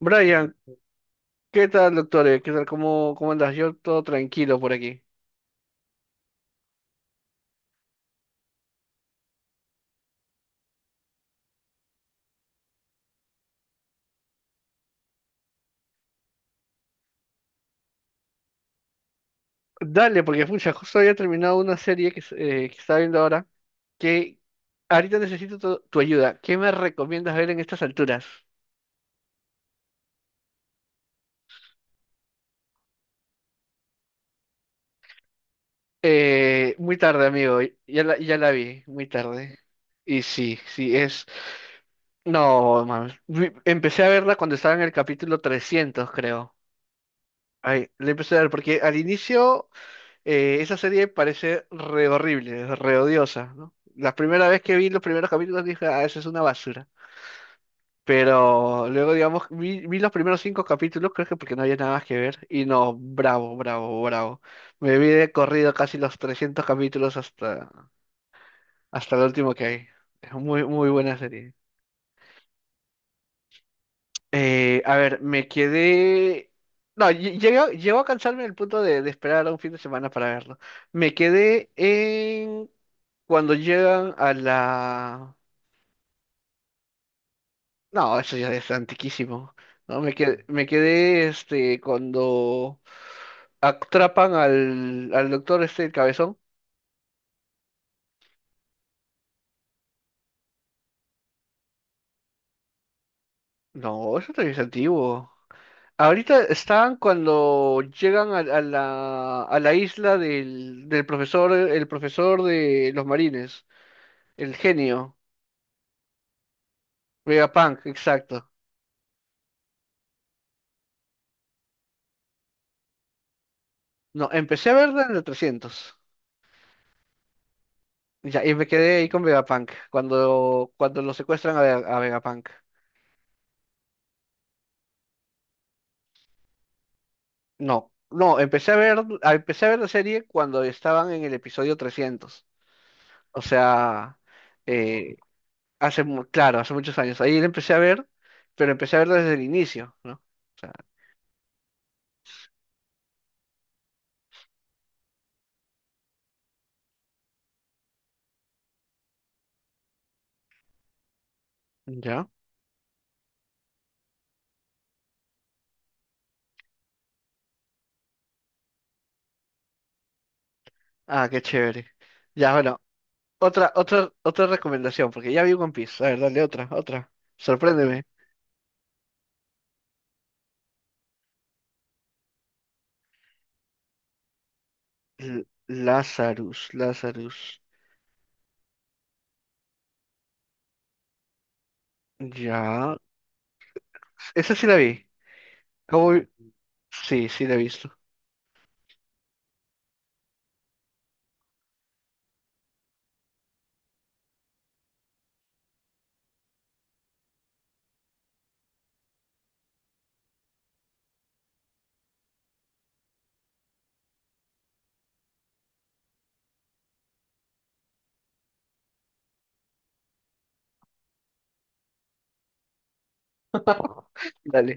Brian, ¿qué tal, doctor? ¿Qué tal? ¿Cómo andas? Yo todo tranquilo por aquí. Dale, porque pucha, justo había terminado una serie que, que estaba viendo ahora, que ahorita necesito tu ayuda. ¿Qué me recomiendas ver en estas alturas? Muy tarde, amigo. Ya la vi, muy tarde. Y sí, sí, No, mames. Empecé a verla cuando estaba en el capítulo 300, creo. Ay, le empecé a ver, porque al inicio. Esa serie parece re horrible, re odiosa, ¿no? La primera vez que vi los primeros capítulos dije, ah, eso es una basura. Pero luego, digamos, vi los primeros cinco capítulos, creo que porque no había nada más que ver. Y no, bravo, bravo, bravo. Me vi de corrido casi los 300 capítulos hasta el último que hay. Es muy, muy buena serie. A ver, me quedé. No, lle- llego llegó a cansarme en el punto de esperar a un fin de semana para verlo. Me quedé en cuando llegan a la. No, eso ya es antiquísimo. No, me quedé este cuando atrapan al doctor este el cabezón. No, eso también es antiguo. Ahorita están cuando llegan a la isla del profesor, el profesor de los marines. El genio. Vegapunk, exacto. No, empecé a verla en el 300. Ya, y me quedé ahí con Vegapunk, cuando lo secuestran a Vegapunk. No, no, empecé a ver la serie cuando estaban en el episodio 300. O sea, eh, claro, hace muchos años. Ahí la empecé a ver, pero empecé a verla desde el inicio, ¿no? O sea, ya. Ah, qué chévere. Ya, bueno, otra recomendación, porque ya vi One Piece. A ver, dale otra. Sorpréndeme. Lazarus, Lazarus. Ya. Esa sí la vi. Cowboy- Sí, sí la he visto. Dale.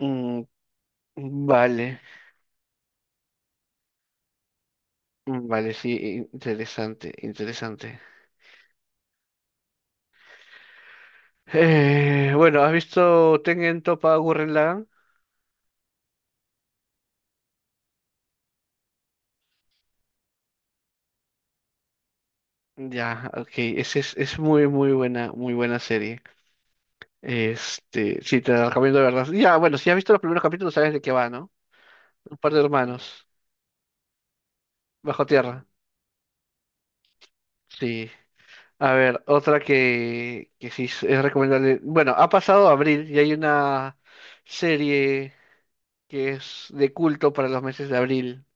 Mm, vale. Mm, vale, sí, interesante, interesante. Bueno, ¿has visto Tengen Toppa Gurren Lagann? Ya, ok. Es muy, muy buena serie. Este, sí, te la recomiendo de verdad. Ya, bueno, si has visto los primeros capítulos, sabes de qué va, ¿no? Un par de hermanos, bajo tierra. Sí. A ver, otra que sí es recomendable. Bueno, ha pasado abril y hay una serie que es de culto para los meses de abril.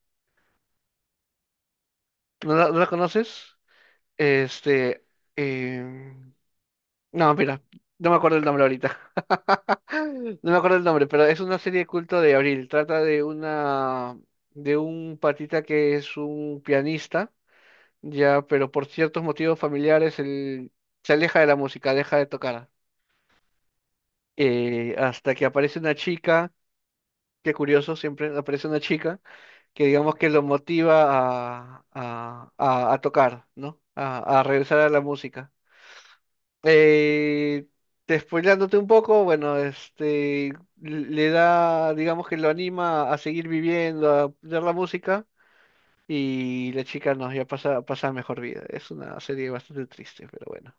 ¿No la conoces? Este, em, no, mira, no me acuerdo el nombre ahorita. No me acuerdo el nombre, pero es una serie de culto de abril. Trata de una, de un patita que es un pianista, ya, pero por ciertos motivos familiares él se aleja de la música, deja de tocar. Hasta que aparece una chica, qué curioso, siempre aparece una chica que digamos que lo motiva a tocar, ¿no? A regresar a la música. Eh, spoileándote un poco, bueno, este, le da, digamos que lo anima a seguir viviendo, a ver la música. Y la chica no, ya pasa a mejor vida. Es una serie bastante triste, pero bueno.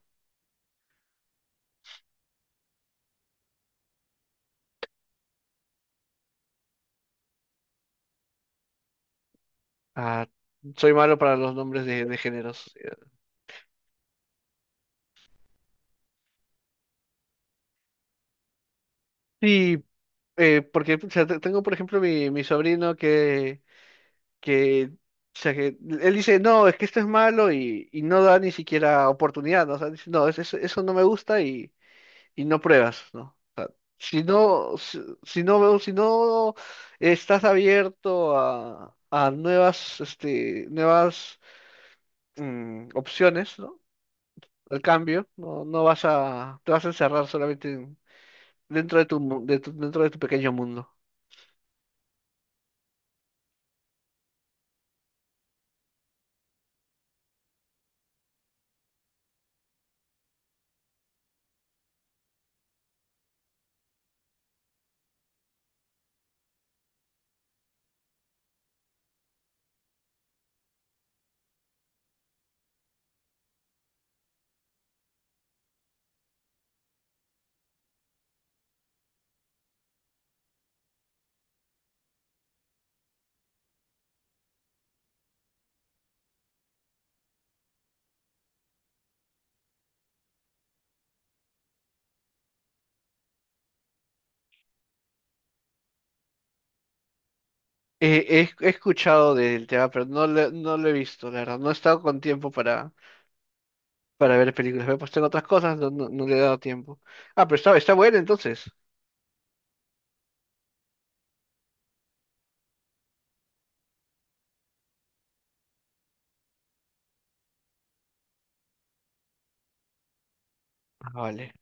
Ah, soy malo para los nombres de géneros. Sí, porque pucha, tengo, por ejemplo, mi sobrino que, o sea, que él dice, no, es que esto es malo y no da ni siquiera oportunidad, ¿no? O sea, dice, no, eso no me gusta y no pruebas, ¿no? Si no estás abierto a nuevas, este, nuevas opciones, ¿no? Al cambio, no, no te vas a encerrar solamente dentro de tu pequeño mundo. He escuchado del tema, pero no lo he visto, la verdad. No he estado con tiempo para ver películas. Me he puesto en otras cosas, no, no, no le he dado tiempo. Ah, pero está bueno entonces. Ah, vale.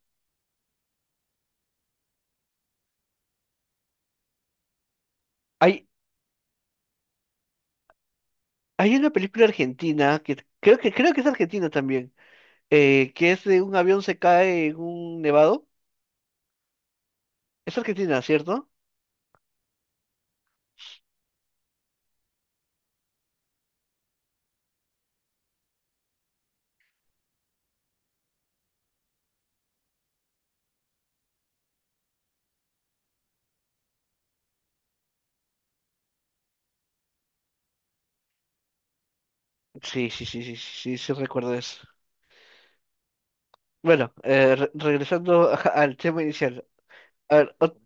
Hay, hay una película argentina que creo que es argentina también, que es de un avión se cae en un nevado. Es argentina, ¿cierto? Sí, sí, sí, sí, sí, sí, sí recuerdo eso. Bueno, regresando al tema inicial. A ver,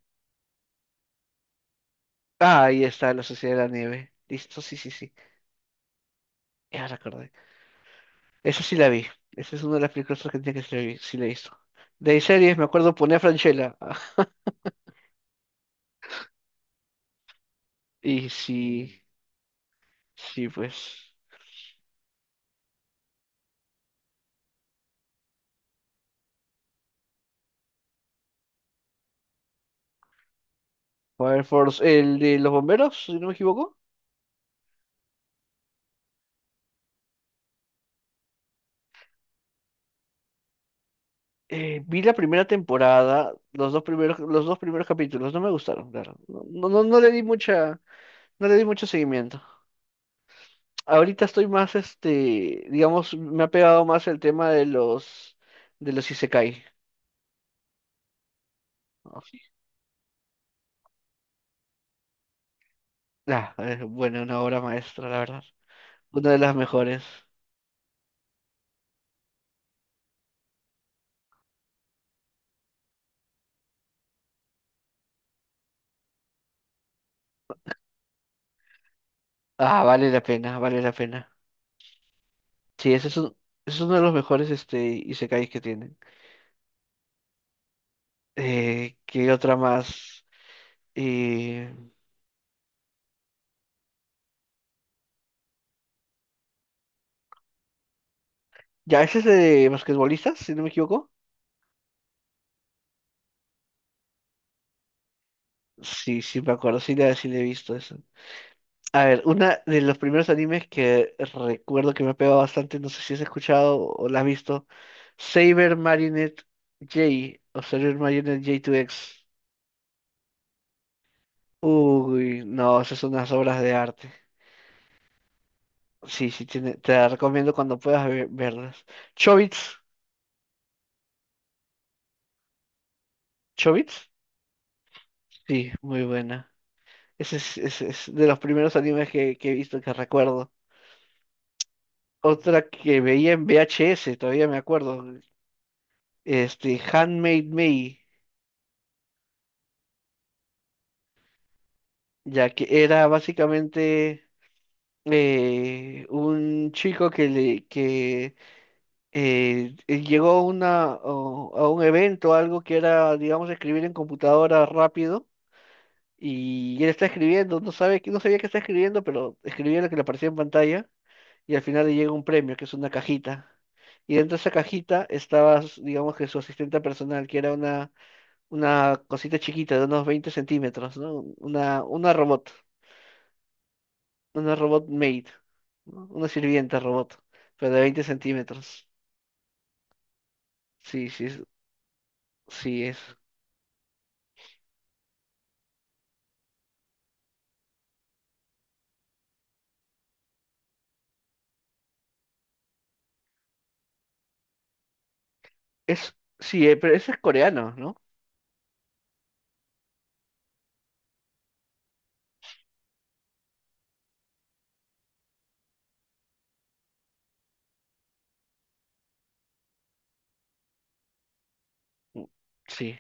ah, ahí está, la Sociedad de la Nieve. Listo, sí, sí, sí. Ya recordé. Eso sí la vi. Esa es una de las películas argentinas que sí la he visto. De ahí series, me acuerdo, ponía Franchella. Y sí, sí, pues. Fire Force, el de los bomberos, si no me equivoco. Vi la primera temporada, los dos primeros capítulos, no me gustaron, claro. No, no, no le di mucha, no le di mucho seguimiento. Ahorita estoy más, este, digamos, me ha pegado más el tema de los Isekai. Ah, sí. Ah, bueno, una obra maestra, la verdad. Una de las mejores. Ah, vale la pena, vale la pena. Sí, ese es uno de los mejores este, isekais que tienen. ¿Qué otra más? Eh, ya, ese es de basquetbolistas, si no me equivoco. Sí, sí me acuerdo, sí le he visto eso. A ver, una de los primeros animes que recuerdo que me ha pegado bastante, no sé si has escuchado o la has visto, Saber Marinette J o Saber Marinette J2X. Uy, no, esas son unas obras de arte. Sí, sí, tiene, te la recomiendo cuando puedas verlas. Chobits, Chobits, sí, muy buena. Ese es de los primeros animes que he visto que recuerdo. Otra que veía en VHS, todavía me acuerdo, este, Handmade May, ya que era básicamente un chico que le que llegó a una, a un evento, algo que era, digamos, escribir en computadora rápido. Y él está escribiendo, no sabía que está escribiendo, pero escribía lo que le aparecía en pantalla y al final le llega un premio, que es una cajita. Y dentro de esa cajita estaba, digamos que su asistente personal, que era una cosita chiquita de unos 20 centímetros, ¿no? Una robot, una robot maid, ¿no? Una sirvienta robot, pero de 20 centímetros. Sí, sí, sí, es. Es, sí, pero ese es coreano, ¿no? Mm, sí,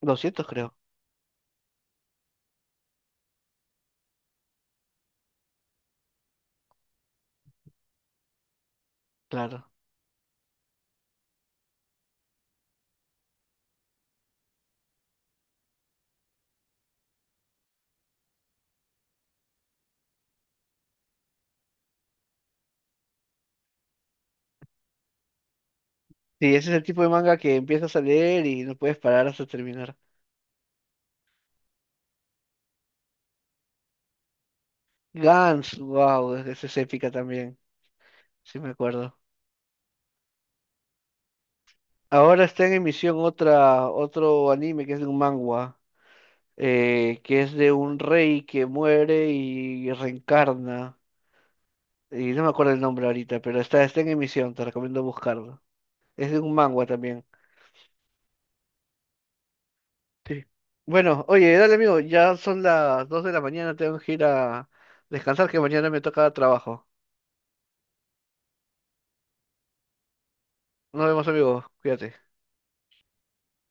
200 creo, claro. Sí, ese es el tipo de manga que empiezas a leer y no puedes parar hasta terminar. Gans, wow, esa es épica también, sí me acuerdo. Ahora está en emisión otra, otro anime que es de un manhwa, que es de un rey que muere y reencarna. Y no me acuerdo el nombre ahorita, pero está en emisión, te recomiendo buscarlo. Es de un manhwa también. Sí. Bueno, oye, dale amigo, ya son las 2 de la mañana, tengo que ir a descansar que mañana me toca trabajo. Nos vemos amigos, cuídate.